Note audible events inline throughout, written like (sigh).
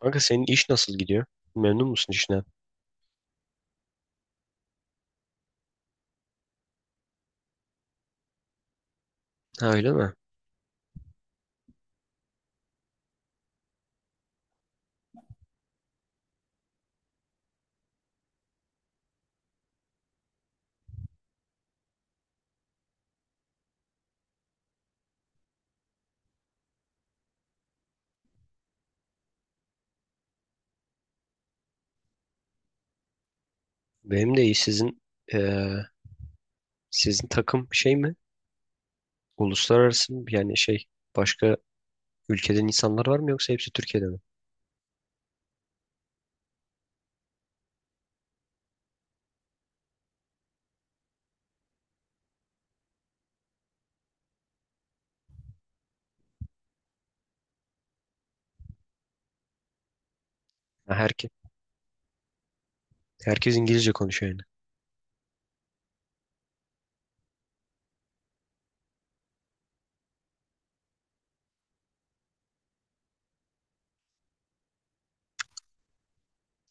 Kanka senin iş nasıl gidiyor? Memnun musun işine? Ha öyle mi? Benim de iyi. Eee, sizin takım şey mi? Uluslararası mı? Yani şey başka ülkeden insanlar var mı yoksa hepsi Türkiye'de mi? Ha, herkes İngilizce konuşuyor yani.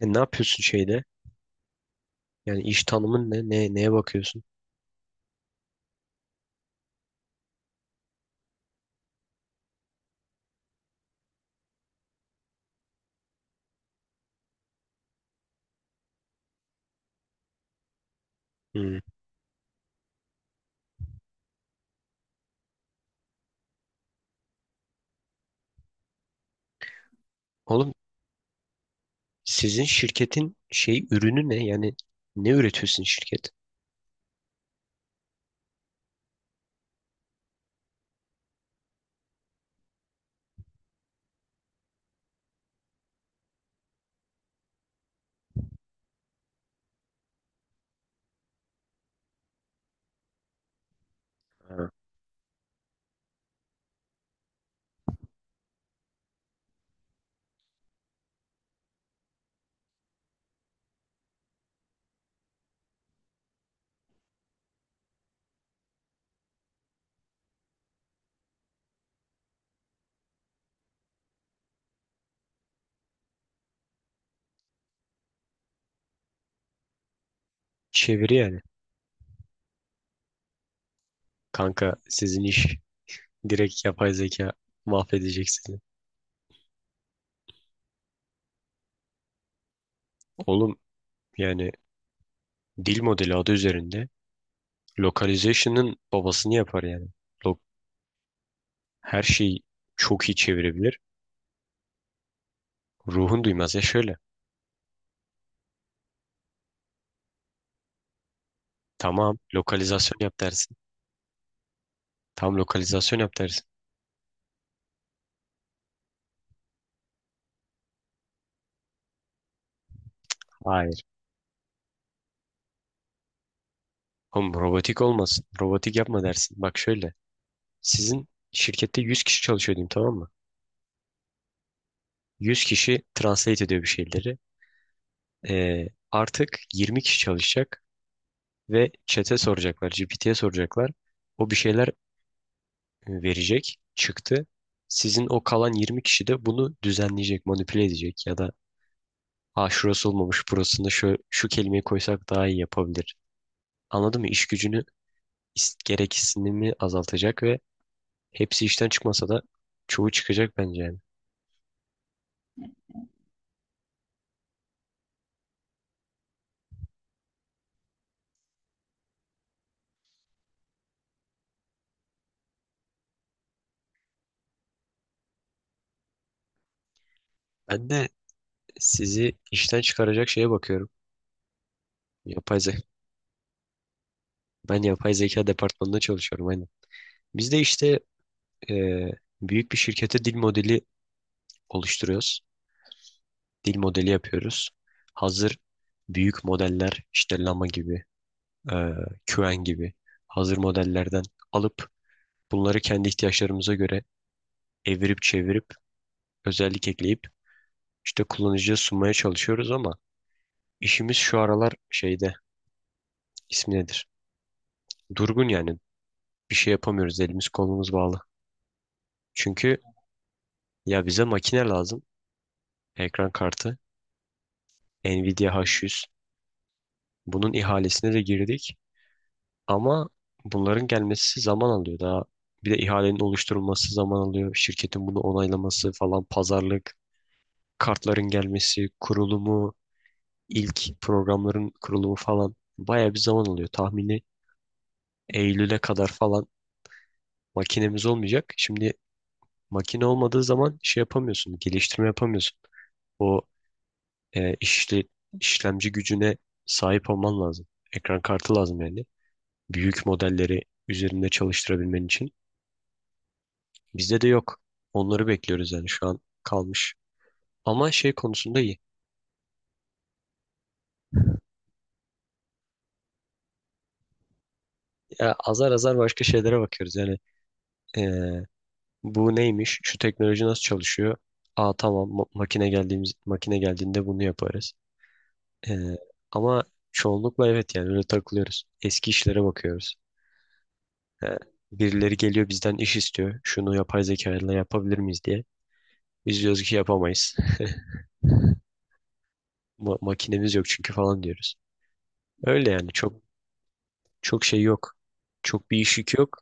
Ne yapıyorsun şeyde? Yani iş tanımın ne? Neye bakıyorsun? Hmm. Oğlum sizin şirketin şey ürünü ne? Yani ne üretiyorsun şirket? Ha. Çeviri yani. Kanka sizin iş direkt yapay zeka mahvedecek sizi. (laughs) Oğlum yani dil modeli adı üzerinde localization'ın babasını yapar yani. Lo- Her şeyi çok iyi çevirebilir. Ruhun duymaz ya şöyle. Tamam lokalizasyon yap dersin. Tam lokalizasyon yap dersin. Hayır. Oğlum robotik olmasın. Robotik yapma dersin. Bak şöyle. Sizin şirkette 100 kişi çalışıyor diyeyim, tamam mı? 100 kişi translate ediyor bir şeyleri. Artık 20 kişi çalışacak ve chat'e soracaklar, GPT'ye soracaklar. O bir şeyler verecek çıktı. Sizin o kalan 20 kişi de bunu düzenleyecek, manipüle edecek ya da ha şurası olmamış, burasında şu kelimeyi koysak daha iyi yapabilir. Anladın mı? İş gücünü, gereksinimi azaltacak ve hepsi işten çıkmasa da çoğu çıkacak bence yani. Ben de sizi işten çıkaracak şeye bakıyorum. Yapay zeka. Ben yapay zeka departmanında çalışıyorum aynen. Biz de işte eee, büyük bir şirkete dil modeli oluşturuyoruz. Dil modeli yapıyoruz. Hazır büyük modeller işte Llama gibi, e, Qwen gibi hazır modellerden alıp bunları kendi ihtiyaçlarımıza göre evirip çevirip özellik ekleyip işte kullanıcıya sunmaya çalışıyoruz, ama işimiz şu aralar şeyde, ismi nedir? Durgun yani, bir şey yapamıyoruz, elimiz kolumuz bağlı. Çünkü ya bize makine lazım, ekran kartı Nvidia H100, bunun ihalesine de girdik. Ama bunların gelmesi zaman alıyor daha. Bir de ihalenin oluşturulması zaman alıyor. Şirketin bunu onaylaması falan, pazarlık, kartların gelmesi, kurulumu, ilk programların kurulumu falan bayağı bir zaman alıyor. Tahmini Eylül'e kadar falan makinemiz olmayacak. Şimdi makine olmadığı zaman şey yapamıyorsun, geliştirme yapamıyorsun. O e, işle, işlemci gücüne sahip olman lazım. Ekran kartı lazım yani. Büyük modelleri üzerinde çalıştırabilmen için. Bizde de yok. Onları bekliyoruz yani, şu an kalmış. Ama şey konusunda iyi. Ya azar azar başka şeylere bakıyoruz. Yani eee, bu neymiş? Şu teknoloji nasıl çalışıyor? Aa tamam, makine geldiğinde bunu yaparız. Eee, Ama çoğunlukla evet yani öyle takılıyoruz. Eski işlere bakıyoruz. Eee, Birileri geliyor, bizden iş istiyor. Şunu yapay zeka ile yapabilir miyiz diye. Biz diyoruz ki yapamayız. (laughs) Makinemiz yok çünkü falan diyoruz. Öyle yani, çok çok şey yok. Çok bir iş yükü yok.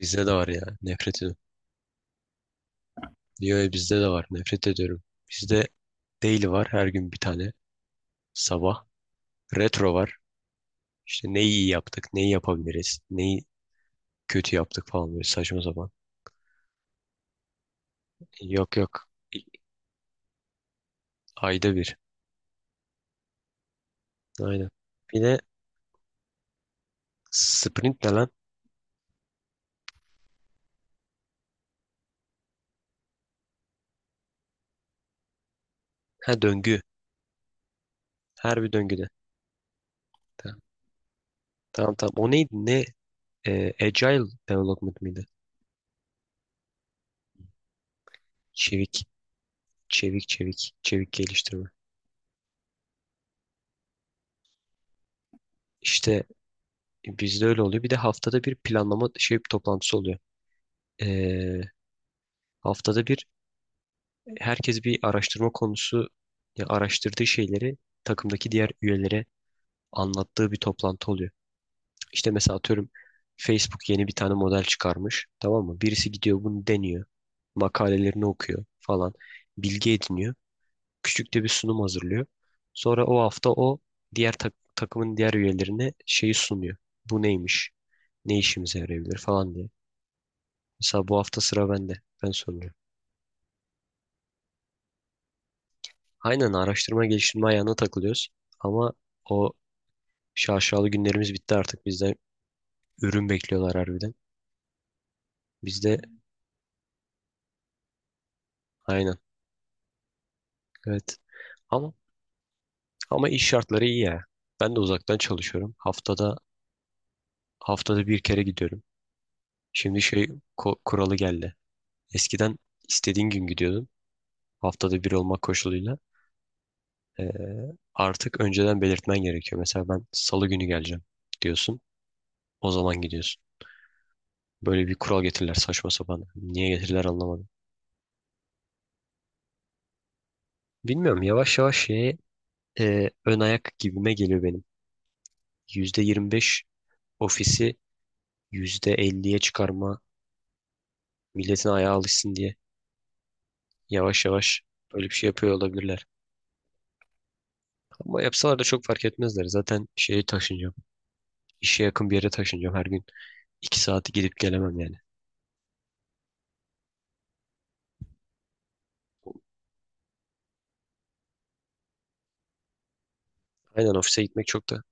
Bizde de var ya, nefret ediyorum. Diyor ya, bizde de var, nefret ediyorum. Bizde daily var, her gün bir tane. Sabah. Retro var. İşte neyi iyi yaptık, neyi yapabiliriz, neyi kötü yaptık falan, böyle saçma sapan. Yok, yok. Ayda bir. Aynen. Bir de sprint ne lan? Ha, döngü. Her bir döngüde. Tamam, tamam. Tamam. O neydi? Ne? Agile Development miydi? Çevik. Çevik, çevik. Çevik geliştirme. İşte bizde öyle oluyor. Bir de haftada bir planlama şey toplantısı oluyor. Ee, Haftada bir herkes bir araştırma konusu ya araştırdığı şeyleri takımdaki diğer üyelere anlattığı bir toplantı oluyor. İşte mesela atıyorum, Facebook yeni bir tane model çıkarmış. Tamam mı? Birisi gidiyor, bunu deniyor. Makalelerini okuyor falan. Bilgi ediniyor. Küçük de bir sunum hazırlıyor. Sonra o hafta o diğer takımın diğer üyelerine şeyi sunuyor. Bu neymiş? Ne işimize yarayabilir falan diye. Mesela bu hafta sıra bende. Ben soruyorum. Aynen, araştırma geliştirme ayağına takılıyoruz. Ama o şaşalı günlerimiz bitti artık. Bizden ürün bekliyorlar harbiden. Biz de aynen. Evet. Ama ama iş şartları iyi ya. Ben de uzaktan çalışıyorum. Haftada bir kere gidiyorum. Şimdi şey kuralı geldi. Eskiden istediğin gün gidiyordun. Haftada bir olmak koşuluyla. Ee, Artık önceden belirtmen gerekiyor. Mesela ben salı günü geleceğim diyorsun. O zaman gidiyorsun. Böyle bir kural getirirler, saçma sapan. Niye getirirler anlamadım. Bilmiyorum, yavaş yavaş şeye ön ayak gibime geliyor benim. %25 ofisi %50'ye çıkarma, milletin ayağı alışsın diye yavaş yavaş böyle bir şey yapıyor olabilirler. Ama yapsalar da çok fark etmezler. Zaten şeye taşınacağım. İşe yakın bir yere taşınacağım her gün. 2 saati gidip gelemem yani. Aynen, ofise gitmek çok da.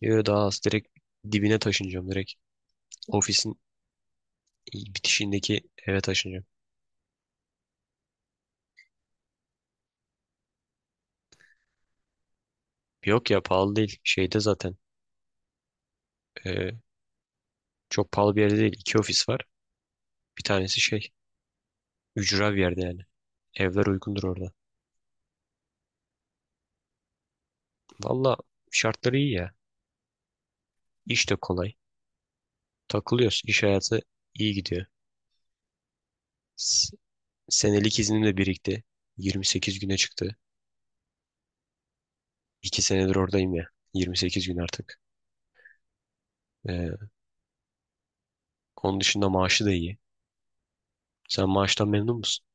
Yo, daha az, direkt dibine taşınacağım direkt. Ofisin bitişindeki eve taşınacağım. Yok ya, pahalı değil. Şeyde zaten e, çok pahalı bir yerde değil. İki ofis var. Bir tanesi şey, ücra bir yerde yani. Evler uygundur orada. Valla şartları iyi ya. İş de kolay. Takılıyoruz. İş hayatı iyi gidiyor. S- Senelik iznim de birikti. 28 güne çıktı. 2 senedir oradayım ya. 28 gün artık. Ee, Onun dışında maaşı da iyi. Sen maaştan memnun musun?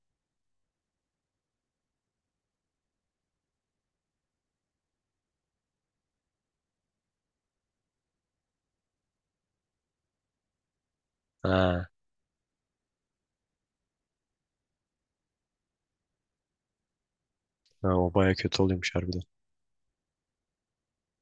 Ha, ha, o baya kötü oluyormuş harbiden.